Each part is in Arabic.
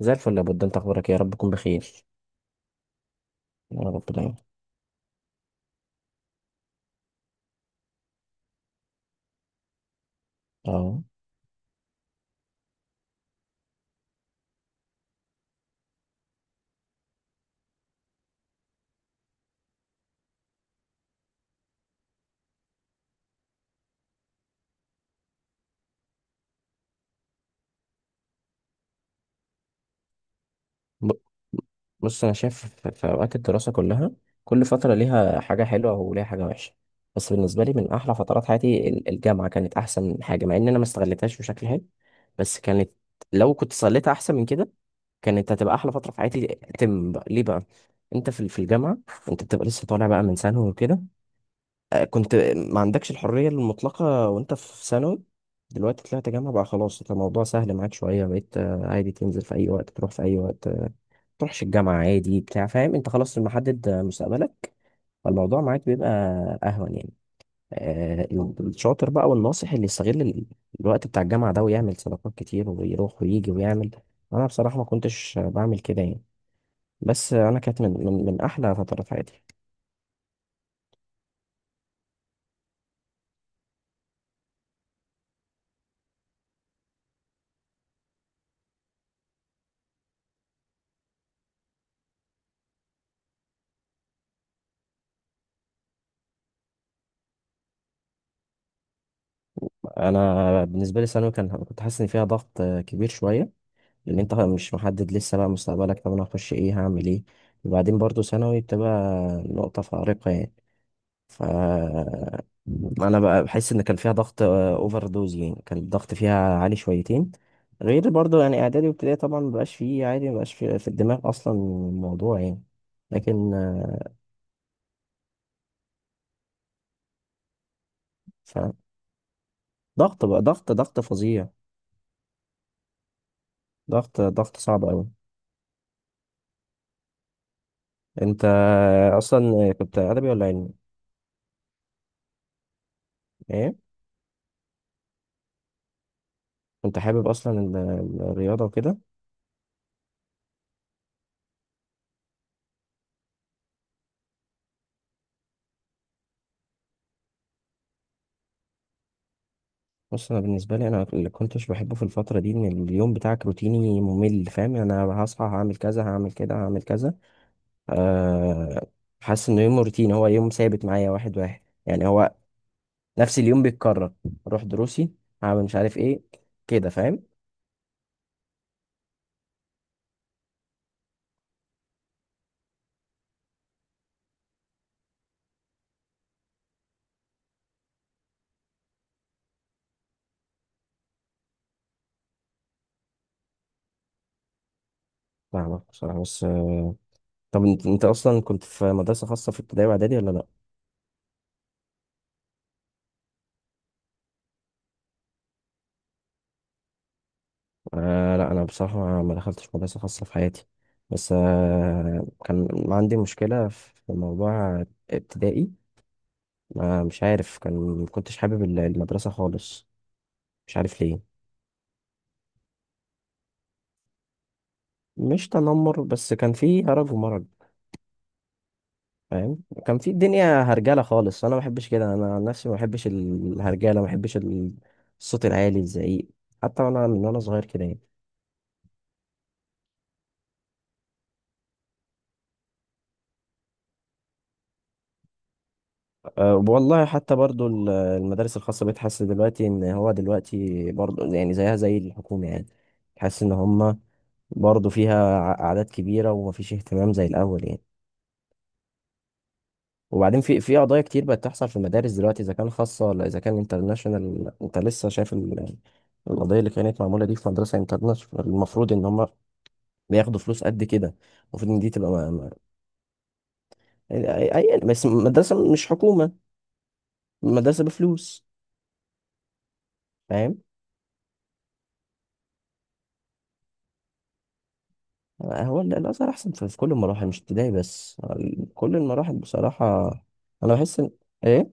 زي الفل يا بود، انت اخبارك إيه؟ يا رب تكون بخير. يا رب دايما. اه. ب- بص، انا شايف في اوقات الدراسه كلها. كل فتره ليها حاجه حلوه وليها حاجه وحشه. بس بالنسبه لي، من احلى فترات حياتي الجامعه كانت احسن حاجه، مع ان انا ما استغلتهاش بشكل حلو. بس كانت، لو كنت صليتها احسن من كده، كانت هتبقى احلى فتره في حياتي. تم بقى. ليه بقى؟ انت في في الجامعه، انت بتبقى لسه طالع بقى من ثانوي وكده. كنت ما عندكش الحرية المطلقة وانت في ثانوي. دلوقتي طلعت جامعة بقى، خلاص، انت الموضوع سهل معاك شوية. بقيت عادي تنزل في أي وقت، تروح في أي وقت، تروحش الجامعة عادي، بتاع، فاهم؟ انت خلاص محدد مستقبلك. فالموضوع معاك بيبقى أهون يعني. الشاطر بقى والناصح اللي يستغل الوقت بتاع الجامعة ده ويعمل صداقات كتير ويروح ويجي ويعمل. أنا بصراحة ما كنتش بعمل كده يعني. بس أنا كانت من أحلى فترات حياتي. أنا بالنسبة لي ثانوي كان، كنت حاسس إن فيها ضغط كبير شوية، لان انت مش محدد لسه بقى مستقبلك. طب انا هخش ايه؟ هعمل ايه؟ وبعدين برضو ثانوي بتبقى نقطة فارقة يعني. ف انا بقى بحس ان كان فيها ضغط اوفر دوز يعني، كان الضغط فيها عالي شويتين. غير برضو يعني اعدادي وابتدائي طبعا مبقاش فيه عادي، مبقاش في الدماغ اصلا الموضوع يعني. لكن ف ضغط بقى، ضغط ضغط فظيع، ضغط ضغط صعب قوي. انت اصلا كنت ادبي ولا علمي؟ ايه؟ كنت حابب اصلا الرياضة وكده؟ بص، انا بالنسبه لي، انا اللي كنتش بحبه في الفتره دي ان اليوم بتاعك روتيني ممل. فاهم يعني؟ انا هصحى هعمل كذا، هعمل كده، هعمل كذا. أه. حاسس انه يوم روتيني، هو يوم ثابت معايا واحد واحد يعني، هو نفس اليوم بيتكرر. اروح دروسي، هعمل مش عارف ايه، كده. فاهم؟ فاهمك بصراحه. بس طب انت، اصلا كنت في مدرسه خاصه في ابتدائي واعدادي ولا لا؟ أه. لا، انا بصراحه ما دخلتش مدرسه خاصه في حياتي. بس كان عندي مشكله في موضوع ابتدائي. ما مش عارف، كان ما كنتش حابب المدرسة خالص. مش عارف ليه. مش تنمر، بس كان في هرج ومرج. فاهم؟ كان في الدنيا هرجلة خالص. انا ما بحبش كده، انا عن نفسي ما بحبش الهرجلة، ما بحبش الصوت العالي، الزعيق. حتى وانا، من وانا صغير كده يعني. أه والله، حتى برضو المدارس الخاصة بقيت حاسس دلوقتي ان هو دلوقتي برضو يعني زيها زي الحكومة يعني. حاسس ان هما برضو فيها اعداد كبيرة، ومفيش اهتمام زي الاول يعني. وبعدين في قضايا كتير بقت تحصل في المدارس دلوقتي، اذا كان خاصه ولا اذا كان انترناشونال. انت لسه شايف القضيه اللي كانت معموله دي في مدرسه انترناشونال. المفروض ان هم بياخدوا فلوس قد كده، المفروض ان دي تبقى، ما ما يعني، بس مدرسه مش حكومه، مدرسه بفلوس. فاهم؟ هو الازهر احسن في كل المراحل، مش ابتدائي بس، كل المراحل بصراحه. انا بحس ان، ايه؟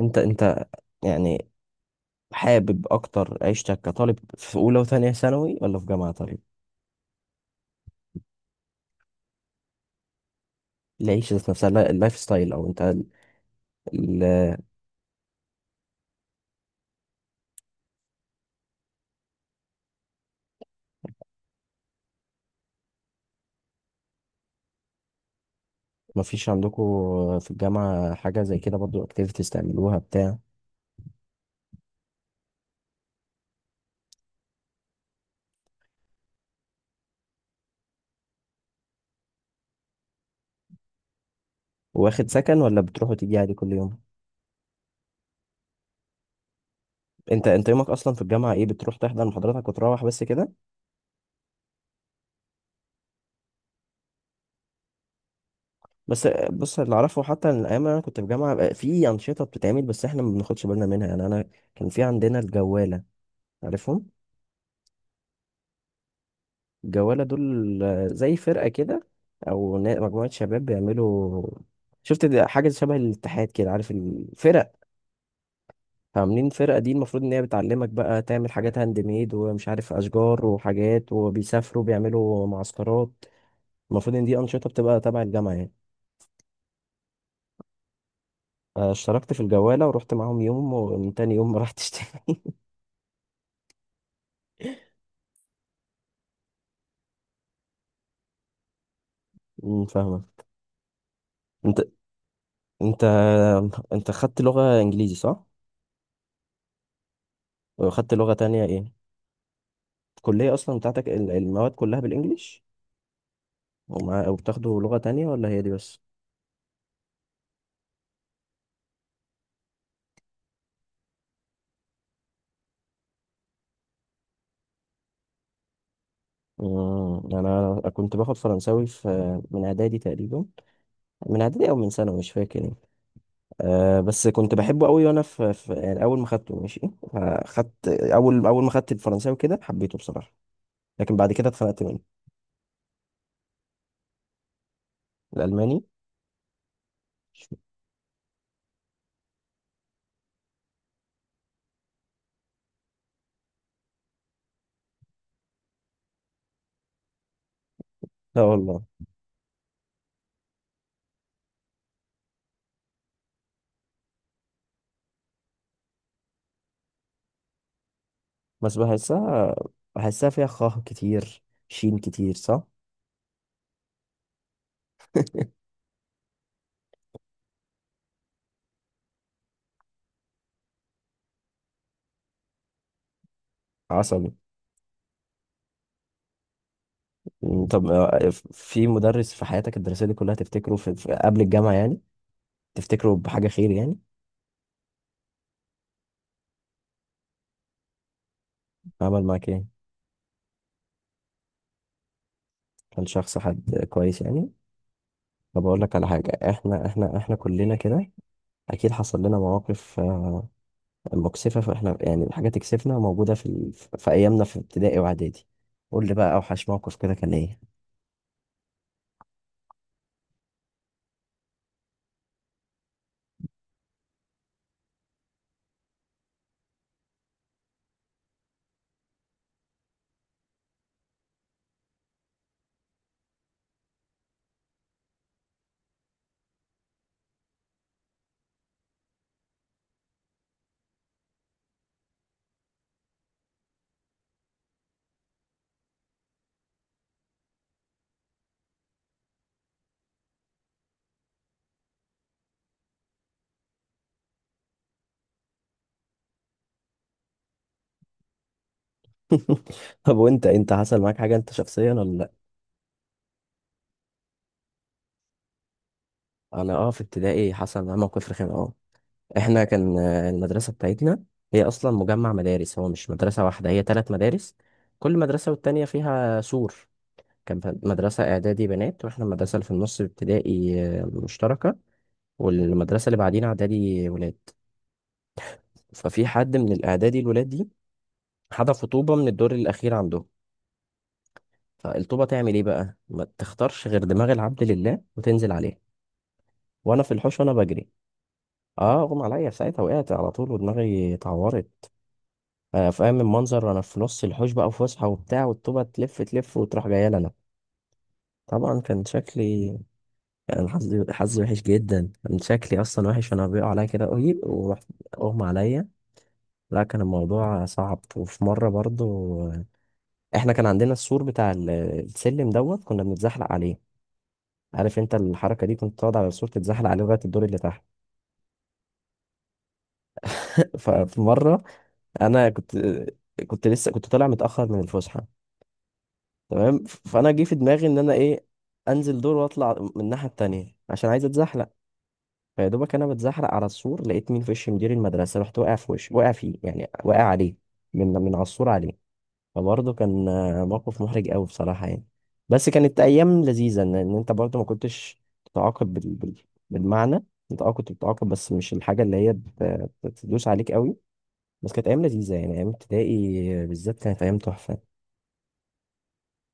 انت يعني حابب اكتر عيشتك كطالب في اولى وثانيه ثانوي، ولا في جامعه؟ طيب، العيشة ذات نفسها، اللايف ستايل، او انت. ال- مفيش عندكم في الجامعة حاجة زي كده برضو، اكتيفيتيز تعملوها، بتاع؟ واخد سكن ولا بتروح وتيجي عادي كل يوم؟ انت يومك اصلا في الجامعة ايه؟ بتروح تحضر محاضراتك وتروح بس كده؟ بس بص، اللي اعرفه حتى ان الايام اللي انا كنت في الجامعة بقى في انشطة بتتعمل، بس احنا ما بناخدش بالنا منها يعني. انا كان في عندنا الجوالة، عارفهم؟ الجوالة دول زي فرقة كده، او مجموعة شباب بيعملوا. شفت ده؟ حاجة شبه الاتحاد كده، عارف الفرق. فعاملين فرقة دي المفروض إن هي بتعلمك بقى تعمل حاجات هاند ميد، ومش عارف أشجار وحاجات، وبيسافروا بيعملوا معسكرات. المفروض إن دي أنشطة بتبقى تبع الجامعة يعني. اشتركت في الجوالة ورحت معاهم يوم، ومن تاني يوم ما رحتش تاني. فاهمة. أنت، أنت أنت خدت لغة إنجليزي، صح؟ وخدت لغة تانية إيه؟ الكلية أصلا بتاعتك المواد كلها بالإنجليش؟ ومع، وبتاخدوا لغة تانية ولا هي دي بس؟ أنا كنت باخد فرنساوي في، من إعدادي تقريبا، من إعدادي أو من ثانوي مش فاكر يعني. آه، بس كنت بحبه قوي وانا في يعني اول ما خدته ماشي. خدت اول، ما خدت الفرنساوي كده حبيته بصراحه. لكن بعد كده اتخنقت منه. الالماني. لا والله. بس بحسها، بحسها فيها خاه كتير، شين كتير، صح. عصبي. طب في مدرس في حياتك الدراسيه دي كلها تفتكره قبل الجامعه يعني، تفتكره بحاجه خير يعني؟ عمل معاك ايه؟ كان شخص حد كويس يعني؟ طب اقول لك على حاجه. احنا كلنا كده، اكيد حصل لنا مواقف مكسفة، فاحنا يعني، الحاجة تكسفنا موجودة في أيامنا في ابتدائي وإعدادي. قول لي بقى، أوحش موقف كده كان إيه؟ طب وأنت، حصل معاك حاجة أنت شخصيا ولا لأ؟ أنا في ابتدائي حصل معايا موقف رخم أه. إحنا كان المدرسة بتاعتنا هي أصلا مجمع مدارس، هو مش مدرسة واحدة، هي تلات مدارس، كل مدرسة والتانية فيها سور. كان مدرسة إعدادي بنات، وإحنا المدرسة اللي في النص ابتدائي مشتركة، والمدرسة اللي بعدين إعدادي ولاد. ففي حد من الإعدادي الولاد دي حذفوا طوبة من الدور الأخير عندهم. فالطوبة تعمل إيه بقى؟ ما تختارش غير دماغ العبد لله وتنزل عليه وأنا في الحوش وأنا بجري. أه، أغمى عليا في ساعتها، وقعت على طول ودماغي اتعورت. فاهم المنظر؟ وأنا في نص الحوش بقى وفسحة وبتاع، والطوبة تلف تلف وتروح جاية لنا. طبعا كان شكلي، كان حظي، حظي وحش جدا، كان شكلي أصلا وحش وأنا بيقع عليا كده قوي ورحت أغمى عليا. لا كان الموضوع صعب. وفي مرة برضو آه، احنا كان عندنا السور بتاع السلم دوت، كنا بنتزحلق عليه. عارف انت الحركه دي؟ كنت تقعد على السور تتزحلق عليه لغايه الدور اللي تحت. ففي مره انا كنت، كنت لسه كنت طالع متاخر من الفسحه. تمام. فانا جه في دماغي ان انا ايه، انزل دور واطلع من الناحيه التانيه عشان عايز اتزحلق. فيا دوبك انا بتزحلق على السور، لقيت مين في وش مدير المدرسه، رحت واقع في وش، واقع فيه يعني، واقع عليه من على السور عليه. فبرضه كان موقف محرج قوي بصراحة يعني. بس كانت أيام لذيذة، إن أنت برضه ما كنتش بتتعاقب بالمعنى. أنت كنت بتتعاقب بس مش الحاجة اللي هي بتدوس عليك قوي. بس كانت أيام لذيذة يعني، أيام ابتدائي بالذات كانت أيام تحفة،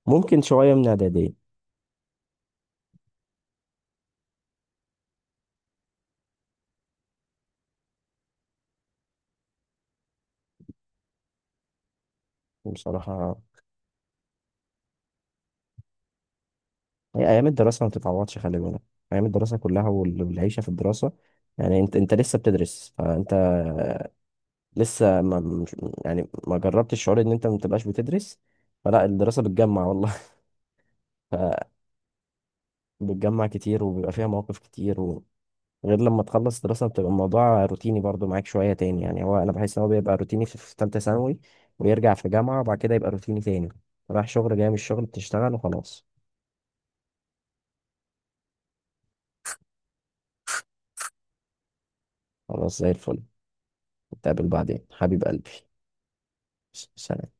ممكن شوية من إعدادية. بصراحة هي أيام الدراسة ما بتتعوضش، خلي بالك. أيام الدراسة كلها، والعيشة في الدراسة يعني. أنت، لسه بتدرس، فأنت لسه ما مش- يعني ما جربتش الشعور إن أنت ما بتبقاش بتدرس. فلا الدراسة بتجمع والله، بتجمع كتير، وبيبقى فيها مواقف كتير و... غير لما تخلص دراسة بتبقى الموضوع روتيني برضو معاك شوية تاني يعني. هو أنا بحس إن هو بيبقى روتيني في تالتة ثانوي، ويرجع في جامعة، وبعد كده يبقى روتيني تاني. رايح شغل، جاي من الشغل، بتشتغل وخلاص. خلاص زي الفل. نتقابل بعدين حبيب قلبي. سلام.